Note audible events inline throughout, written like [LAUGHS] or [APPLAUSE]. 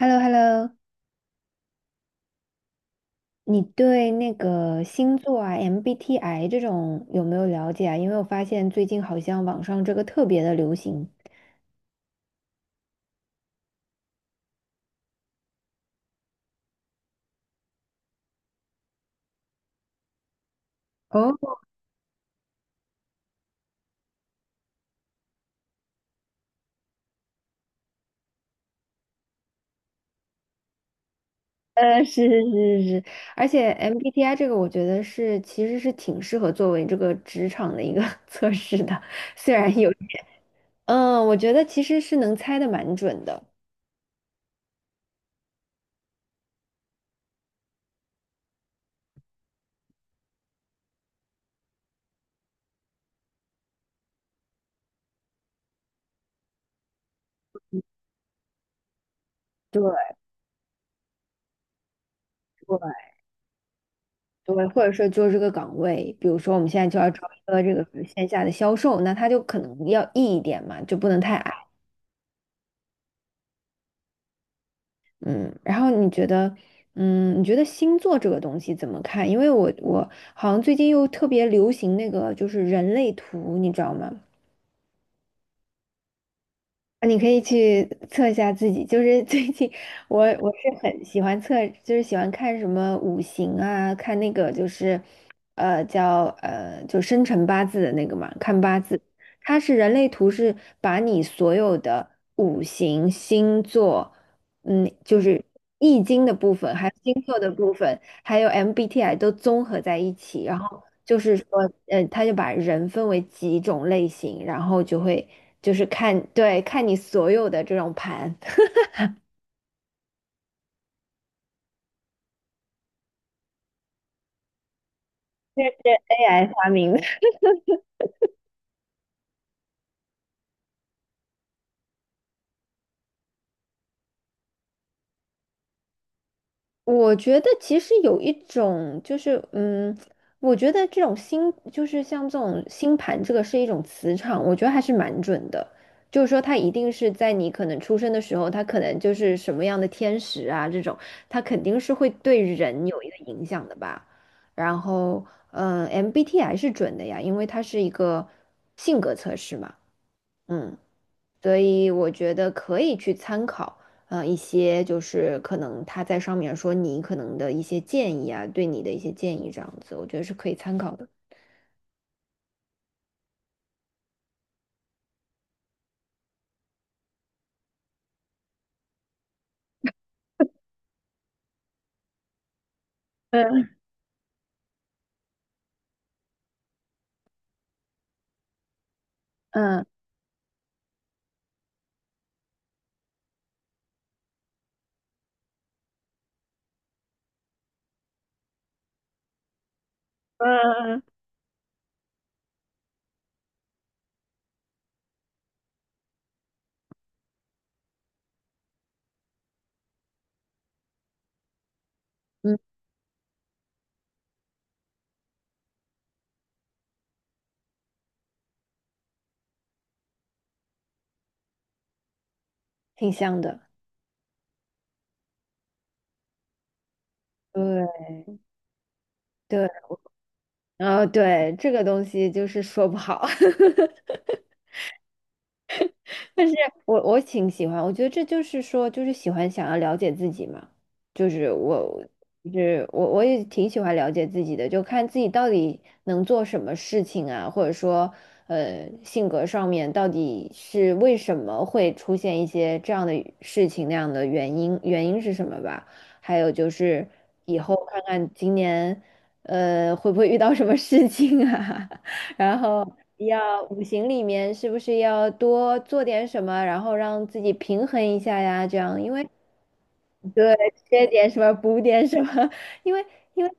h e l l o h e l l o。 你对那个星座啊、MBTI 这种有没有了解啊？因为我发现最近好像网上这个特别的流行。哦，[LAUGHS] 是是是是，而且 MBTI 这个我觉得是其实是挺适合作为这个职场的一个 [LAUGHS] 测试的，虽然有点，我觉得其实是能猜的蛮准的。对对对，或者说做这个岗位，比如说我们现在就要招一个这个线下的销售，那他就可能要 E 一点嘛，就不能太矮。嗯，然后你觉得，你觉得星座这个东西怎么看？因为我好像最近又特别流行那个就是人类图，你知道吗？你可以去测一下自己，就是最近我是很喜欢测，就是喜欢看什么五行啊，看那个就是，叫就生辰八字的那个嘛，看八字，它是人类图是把你所有的五行、星座，就是易经的部分，还有星座的部分，还有 MBTI 都综合在一起，然后。就是说，他就把人分为几种类型，然后就会就是看，对，看你所有的这种盘，[LAUGHS] 这是 AI 发明的。我觉得其实有一种就是，我觉得这种星就是像这种星盘，这个是一种磁场，我觉得还是蛮准的。就是说，它一定是在你可能出生的时候，它可能就是什么样的天使啊，这种，它肯定是会对人有一个影响的吧。然后，MBTI 是准的呀，因为它是一个性格测试嘛，嗯。所以我觉得可以去参考，一些就是可能他在上面说你可能的一些建议啊，对你的一些建议这样子，我觉得是可以参考的。嗯嗯嗯，挺像的。对对，然后对这个东西就是说不好。[LAUGHS] 但是我挺喜欢，我觉得这就是说，就是喜欢想要了解自己嘛，就是我，就是我，我也挺喜欢了解自己的，就看自己到底能做什么事情啊，或者说，性格上面到底是为什么会出现一些这样的事情，那样的原因，原因是什么吧？还有就是以后看看今年，会不会遇到什么事情啊？[LAUGHS] 然后要五行里面是不是要多做点什么，然后让自己平衡一下呀？这样，因为对，缺点什么补点什么，[LAUGHS] 因为因为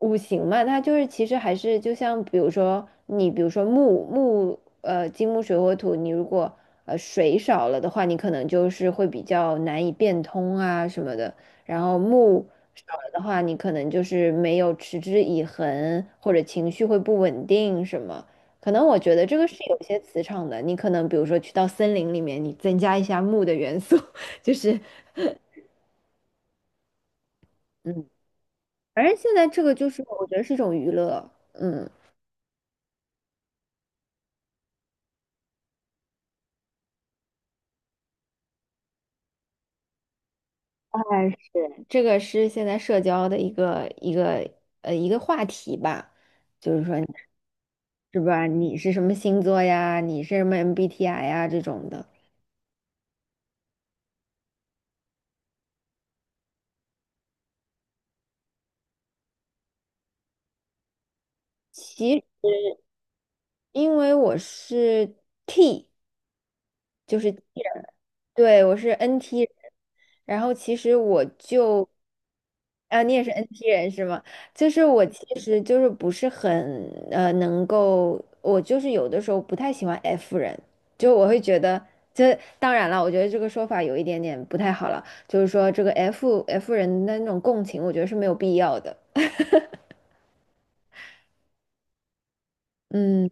五行嘛，它就是其实还是就像比如说你比如说木木呃金木水火土，你如果水少了的话，你可能就是会比较难以变通啊什么的，然后木少了的话，你可能就是没有持之以恒，或者情绪会不稳定什么。可能我觉得这个是有些磁场的，你可能比如说去到森林里面，你增加一下木的元素，[LAUGHS] 就是。嗯。反正现在这个就是我觉得是一种娱乐，哎，是，这个是现在社交的一个一个话题吧，就是说是吧？你是什么星座呀？你是什么 MBTI 呀？这种的。其实因为我是 T。就是既人对我是 NT 人，然后其实我就啊，你也是 NT 人是吗？就是我其实就是不是很能够，我就是有的时候不太喜欢 F 人，就我会觉得。这当然了，我觉得这个说法有一点点不太好了，就是说这个 F 人的那种共情，我觉得是没有必要的。[LAUGHS] 嗯。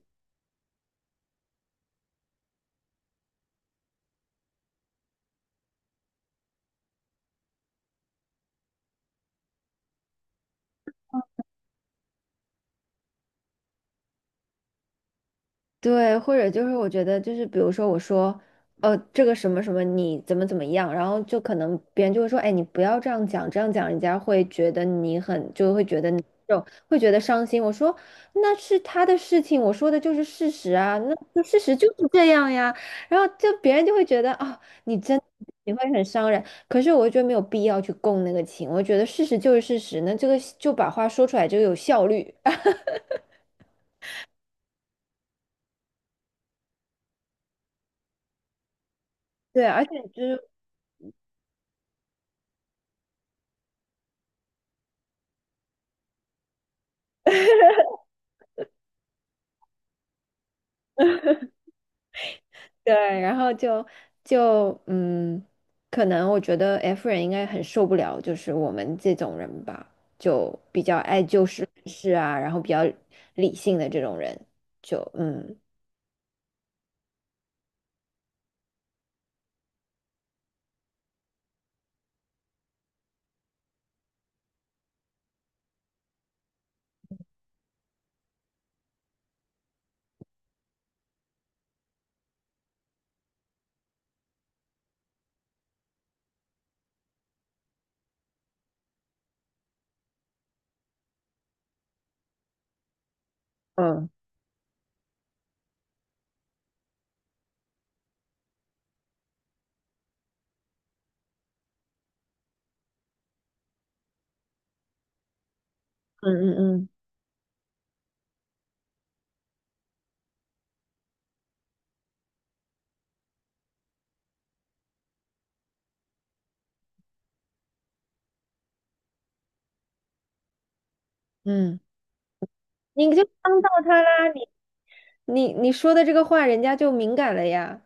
对，或者就是我觉得就是比如说我说，这个什么什么你怎么怎么样，然后就可能别人就会说，哎，你不要这样讲，这样讲人家会觉得你很，就会觉得伤心。我说那是他的事情，我说的就是事实啊，那就事实就是这样呀。然后就别人就会觉得啊、你会很伤人，可是我觉得没有必要去共那个情，我觉得事实就是事实，那这个就把话说出来就有效率。[LAUGHS] 对，而且就是对，然后就就嗯，可能我觉得 F 人应该很受不了，就是我们这种人吧，就比较爱就事论事啊，然后比较理性的这种人，就嗯嗯嗯嗯嗯，嗯，你就帮到他啦，你说的这个话，人家就敏感了呀，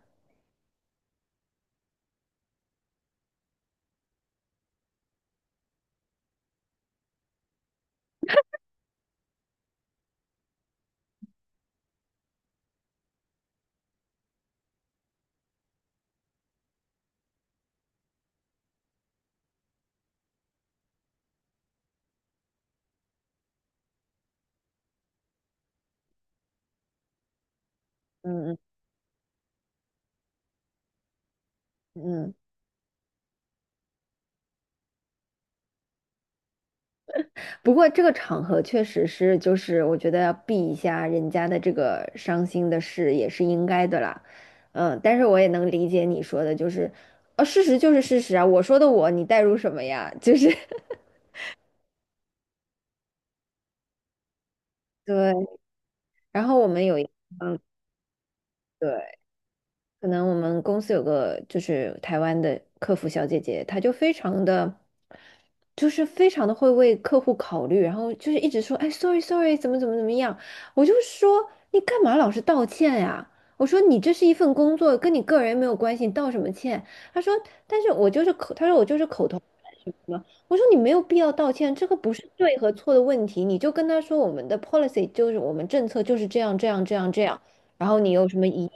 嗯嗯嗯嗯。不过这个场合确实是，就是我觉得要避一下人家的这个伤心的事也是应该的啦。但是我也能理解你说的，就是，事实就是事实啊，我说的我，你代入什么呀？就是 [LAUGHS] 对。然后我们有一，嗯，对。可能我们公司有个就是台湾的客服小姐姐，她就非常的，就是非常的会为客户考虑，然后就是一直说，哎，sorry sorry，怎么怎么怎么样，我就说你干嘛老是道歉呀？我说你这是一份工作，跟你个人没有关系，你道什么歉？她说，她说我就是口头什么，我说你没有必要道歉，这个不是对和错的问题，你就跟他说我们的 policy 就是我们政策就是这样这样这样这样。然后你有什么疑义，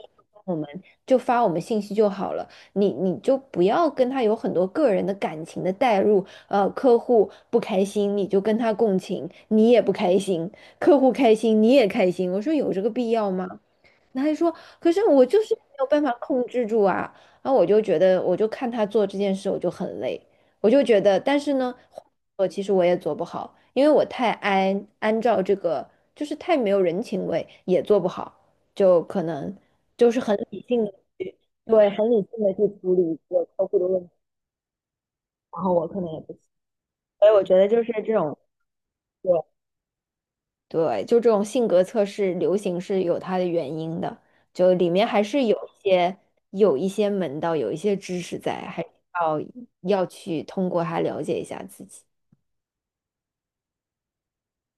我们就发我们信息就好了。你就不要跟他有很多个人的感情的代入，客户不开心你就跟他共情，你也不开心，客户开心你也开心，我说有这个必要吗？男孩他还说，可是我就是没有办法控制住啊。然后我就觉得，我就看他做这件事，我就很累，我就觉得，但是呢，我其实我也做不好，因为我太按照这个，就是太没有人情味，也做不好，就可能就是很理性的去，对，很理性的去处理一个客户的问题，然后我可能也不行，所以我觉得就是这种。对，就这种性格测试流行是有它的原因的，就里面还是有一些门道，有一些知识在，还是要要去通过它了解一下自己。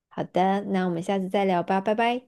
好的，那我们下次再聊吧，拜拜。